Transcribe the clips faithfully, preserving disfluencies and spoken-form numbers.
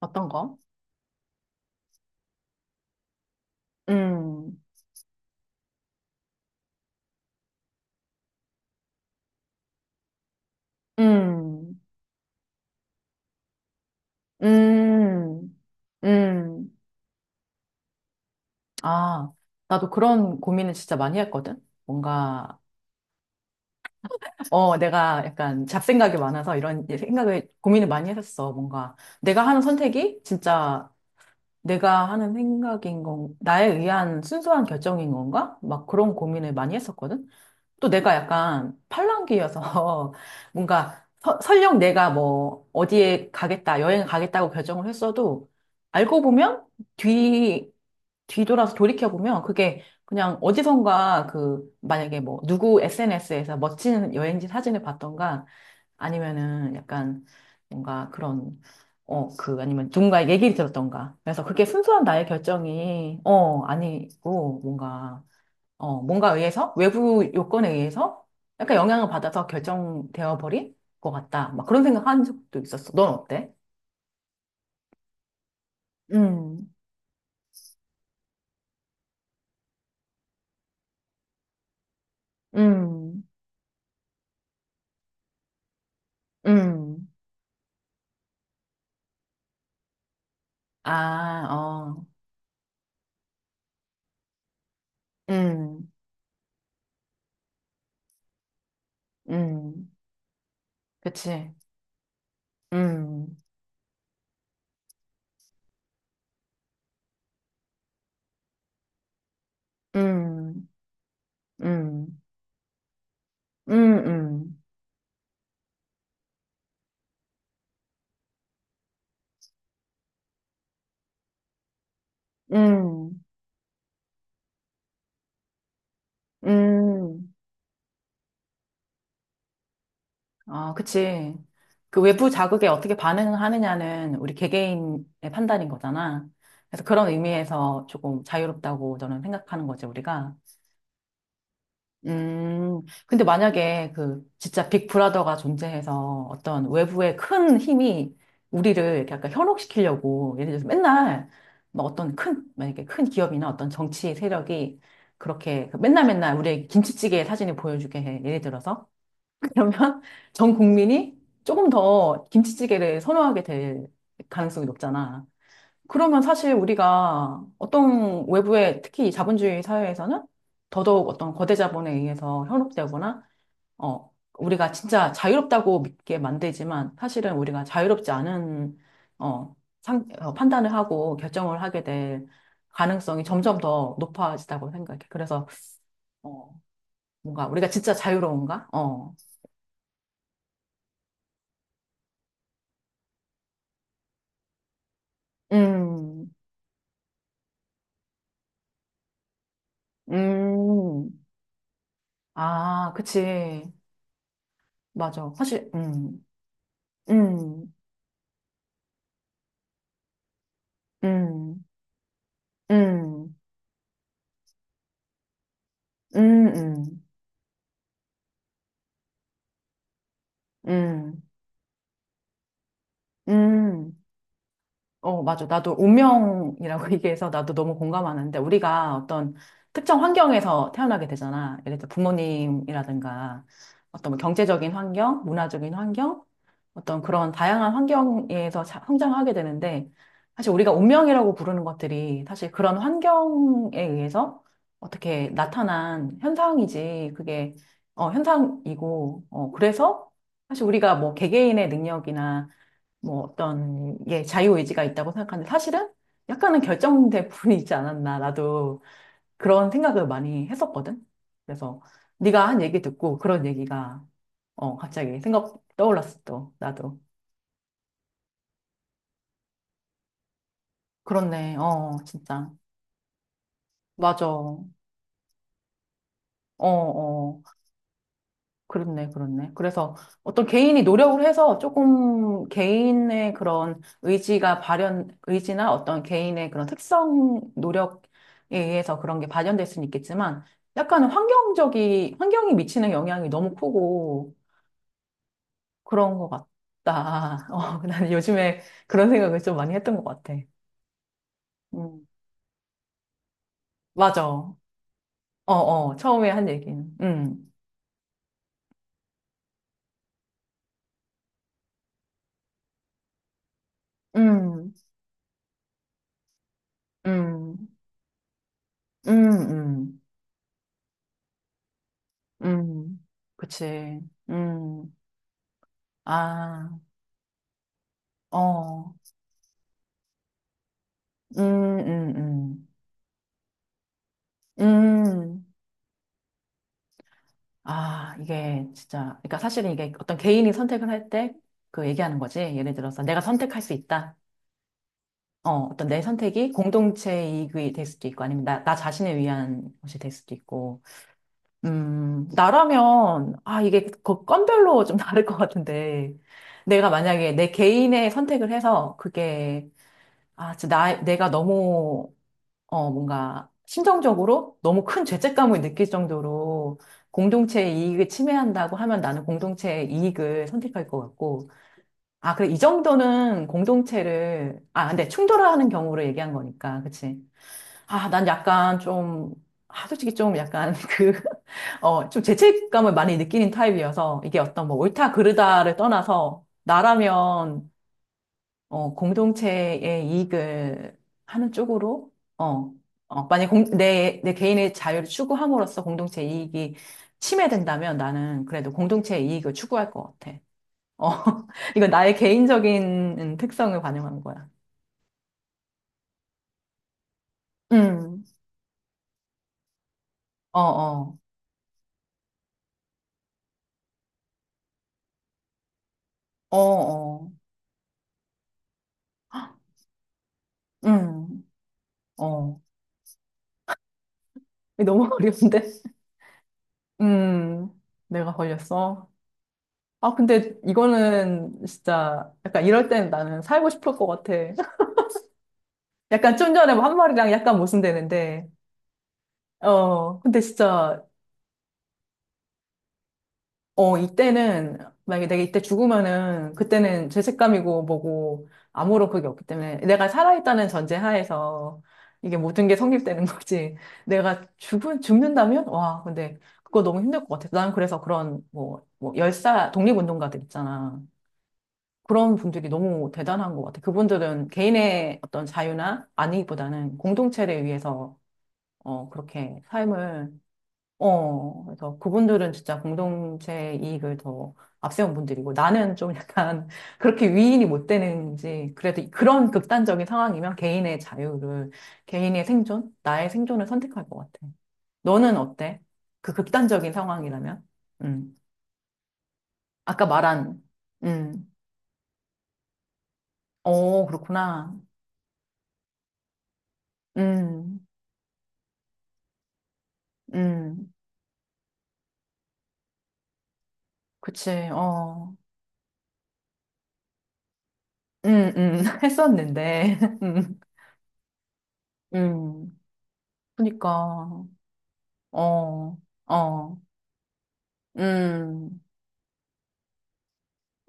어떤 거? 음, 음, 음, 음, 아, 나도 그런 고민을 진짜 많이 했거든. 뭔가, 어, 내가 약간 잡생각이 많아서 이런 생각을, 고민을 많이 했었어. 뭔가, 내가 하는 선택이 진짜 내가 하는 생각인 건, 나에 의한 순수한 결정인 건가? 막 그런 고민을 많이 했었거든. 또 내가 약간 팔랑귀여서 뭔가 서- 설령 내가 뭐 어디에 가겠다, 여행 가겠다고 결정을 했어도 알고 보면 뒤, 뒤돌아서 돌이켜보면 그게 그냥 어디선가 그 만약에 뭐 누구 에스엔에스에서 멋진 여행지 사진을 봤던가 아니면은 약간 뭔가 그런 어, 그, 아니면 누군가의 얘기를 들었던가. 그래서 그게 순수한 나의 결정이, 어, 아니고, 뭔가, 어, 뭔가 의해서, 외부 요건에 의해서 약간 영향을 받아서 결정되어 버린 것 같다. 막 그런 생각 한 적도 있었어. 넌 어때? 음, 음, 음, 아, 어, 음, 음, 그치. 음, 음, 음, 음, 음, 음, 음. 아, 그치. 그 외부 자극에 어떻게 반응하느냐는 우리 개개인의 판단인 거잖아. 그래서 그런 의미에서 조금 자유롭다고 저는 생각하는 거지, 우리가. 음, 근데 만약에 그 진짜 빅브라더가 존재해서 어떤 외부의 큰 힘이 우리를 이렇게 약간 현혹시키려고 예를 들어서 맨날 뭐 어떤 큰, 만약에 큰 기업이나 어떤 정치 세력이 그렇게 그 맨날 맨날 우리의 김치찌개 사진을 보여주게 해. 예를 들어서. 그러면 전 국민이 조금 더 김치찌개를 선호하게 될 가능성이 높잖아. 그러면 사실 우리가 어떤 외부의 특히 이 자본주의 사회에서는 더더욱 어떤 거대 자본에 의해서 현혹되거나, 어, 우리가 진짜 자유롭다고 믿게 만들지만 사실은 우리가 자유롭지 않은, 어, 상, 어, 판단을 하고 결정을 하게 될 가능성이 점점 더 높아지다고 생각해. 그래서, 어, 뭔가 우리가 진짜 자유로운가? 어. 음. 음, 아, 그치. 맞아. 사실, 음, 음, 음, 음, 음, 음, 음, 음. 어, 맞아. 나도 운명이라고 얘기해서 나도 너무 공감하는데 우리가 어떤 특정 환경에서 태어나게 되잖아. 예를 들어 부모님이라든가 어떤 뭐 경제적인 환경, 문화적인 환경, 어떤 그런 다양한 환경에서 자- 성장하게 되는데 사실 우리가 운명이라고 부르는 것들이 사실 그런 환경에 의해서 어떻게 나타난 현상이지. 그게 어, 현상이고, 어, 그래서 사실 우리가 뭐 개개인의 능력이나 뭐 어떤 예 자유의지가 있다고 생각하는데 사실은 약간은 결정된 부분이 있지 않았나 나도 그런 생각을 많이 했었거든. 그래서 네가 한 얘기 듣고 그런 얘기가 어 갑자기 생각 떠올랐어 또 나도 그렇네 어 진짜 맞아 어어 그렇네, 그렇네. 그래서 어떤 개인이 노력을 해서 조금 개인의 그런 의지가 발현, 의지나 어떤 개인의 그런 특성 노력에 의해서 그런 게 발현될 수는 있겠지만 약간 환경적이, 환경이 미치는 영향이 너무 크고 그런 것 같다. 어, 난 요즘에 그런 생각을 좀 많이 했던 것 같아. 음, 맞아. 어, 어, 처음에 한 얘기는. 음, 음, 음, 음, 음, 음. 그치. 음. 아, 어, 음, 음, 음, 음. 아, 이게 진짜, 그러니까 사실은 이게 어떤 개인이 선택을 할 때 그 얘기하는 거지. 예를 들어서 내가 선택할 수 있다. 어, 어떤 내 선택이 공동체 이익이 될 수도 있고, 아니면 나, 나 자신을 위한 것이 될 수도 있고. 음, 나라면, 아, 이게 그 건별로 좀 다를 것 같은데. 내가 만약에 내 개인의 선택을 해서 그게, 아, 진짜 나, 내가 너무 어, 뭔가 심정적으로 너무 큰 죄책감을 느낄 정도로 공동체의 이익을 침해한다고 하면 나는 공동체의 이익을 선택할 것 같고, 아, 그래, 이 정도는 공동체를, 아, 근데 충돌하는 경우를 얘기한 거니까, 그치? 아, 난 약간 좀, 아, 솔직히 좀 약간 그, 어, 좀 죄책감을 많이 느끼는 타입이어서 이게 어떤 뭐 옳다 그르다를 떠나서 나라면 어, 공동체의 이익을 하는 쪽으로, 어, 어, 만약 공, 내, 내 개인의 자유를 추구함으로써 공동체 이익이 침해된다면 나는 그래도 공동체의 이익을 추구할 것 같아. 어, 이거 나의 개인적인 특성을 반영한 거야. 음, 어, 어, 어, 어, 음, 어. 너무 어려운데? 음, 내가 걸렸어. 아, 근데 이거는 진짜 약간 이럴 땐 나는 살고 싶을 것 같아. 약간 좀 전에 한 말이랑 약간 모순되는데, 어, 근데 진짜, 어, 이때는, 만약에 내가 이때 죽으면은, 그때는 죄책감이고 뭐고, 아무런 그게 없기 때문에, 내가 살아있다는 전제 하에서, 이게 모든 게 성립되는 거지. 내가 죽은, 죽는다면? 와, 근데, 그거 너무 힘들 것 같아. 난 그래서 그런, 뭐, 뭐, 열사, 독립운동가들 있잖아. 그런 분들이 너무 대단한 것 같아. 그분들은 개인의 어떤 자유나 안위보다는 공동체를 위해서, 어, 그렇게 삶을 어, 그래서 그분들은 진짜 공동체 이익을 더 앞세운 분들이고 나는 좀 약간 그렇게 위인이 못 되는지 그래도 그런 극단적인 상황이면 개인의 자유를, 개인의 생존, 나의 생존을 선택할 것 같아. 너는 어때? 그 극단적인 상황이라면? 음. 아까 말한, 음. 어, 그렇구나. 음, 음. 그치, 어. 음, 음. 했었는데. 음, 음. 그니까, 어. 어. 음,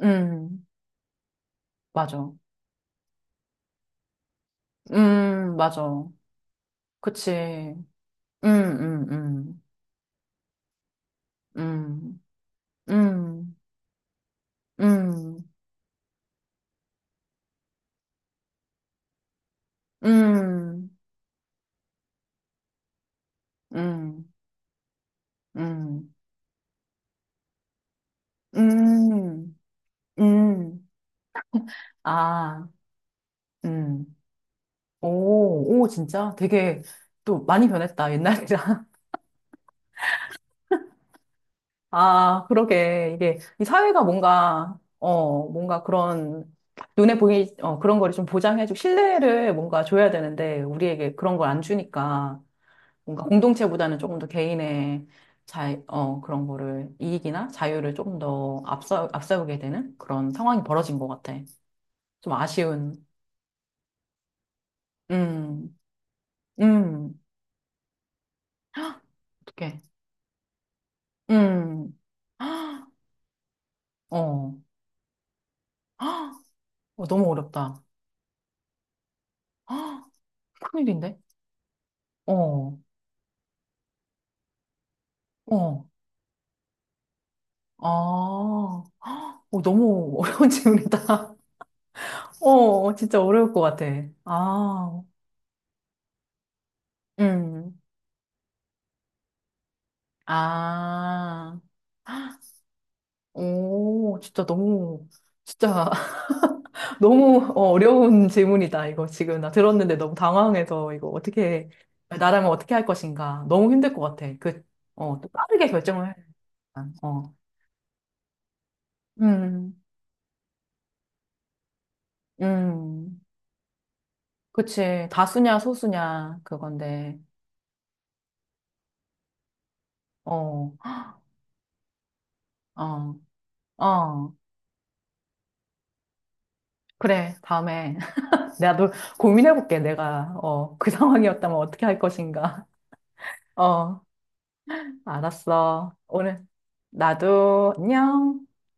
음, 맞아. 음, 맞아. 그치. 음, 음, 음, 음, 음, 음, 음, 음, 음, 음, 음, 아, 음. 오, 오, 진짜? 되게 또 많이 변했다, 옛날이랑. 아, 그러게. 이게, 이 사회가 뭔가, 어, 뭔가 그런, 눈에 보이, 어, 그런 거를 좀 보장해주고, 신뢰를 뭔가 줘야 되는데, 우리에게 그런 걸 안 주니까, 뭔가 공동체보다는 조금 더 개인의 자, 어, 그런 거를, 이익이나 자유를 조금 더 앞서, 앞세우게 되는 그런 상황이 벌어진 것 같아. 좀 아쉬운, 음, 음, 어떡해. 음, 헉, 어, 헉, 어, 너무 어렵다. 헉, 큰일인데? 어, 어. 아, 헉, 어, 너무 어려운 질문이다. 어, 어, 진짜 어려울 것 같아. 아, 음, 아, 오, 진짜 너무, 진짜 너무 어, 어려운 질문이다. 이거 지금 나 들었는데 너무 당황해서 이거 어떻게, 나라면 어떻게 할 것인가. 너무 힘들 것 같아. 그, 어, 또 빠르게 결정을 해야 되니까. 어, 음, 음, 그치. 다수냐, 소수냐, 그건데, 어, 어, 어. 그래, 다음에. 나도 고민해볼게, 내가. 어, 그 상황이었다면 어떻게 할 것인가. 어, 알았어. 오늘, 나도 안녕.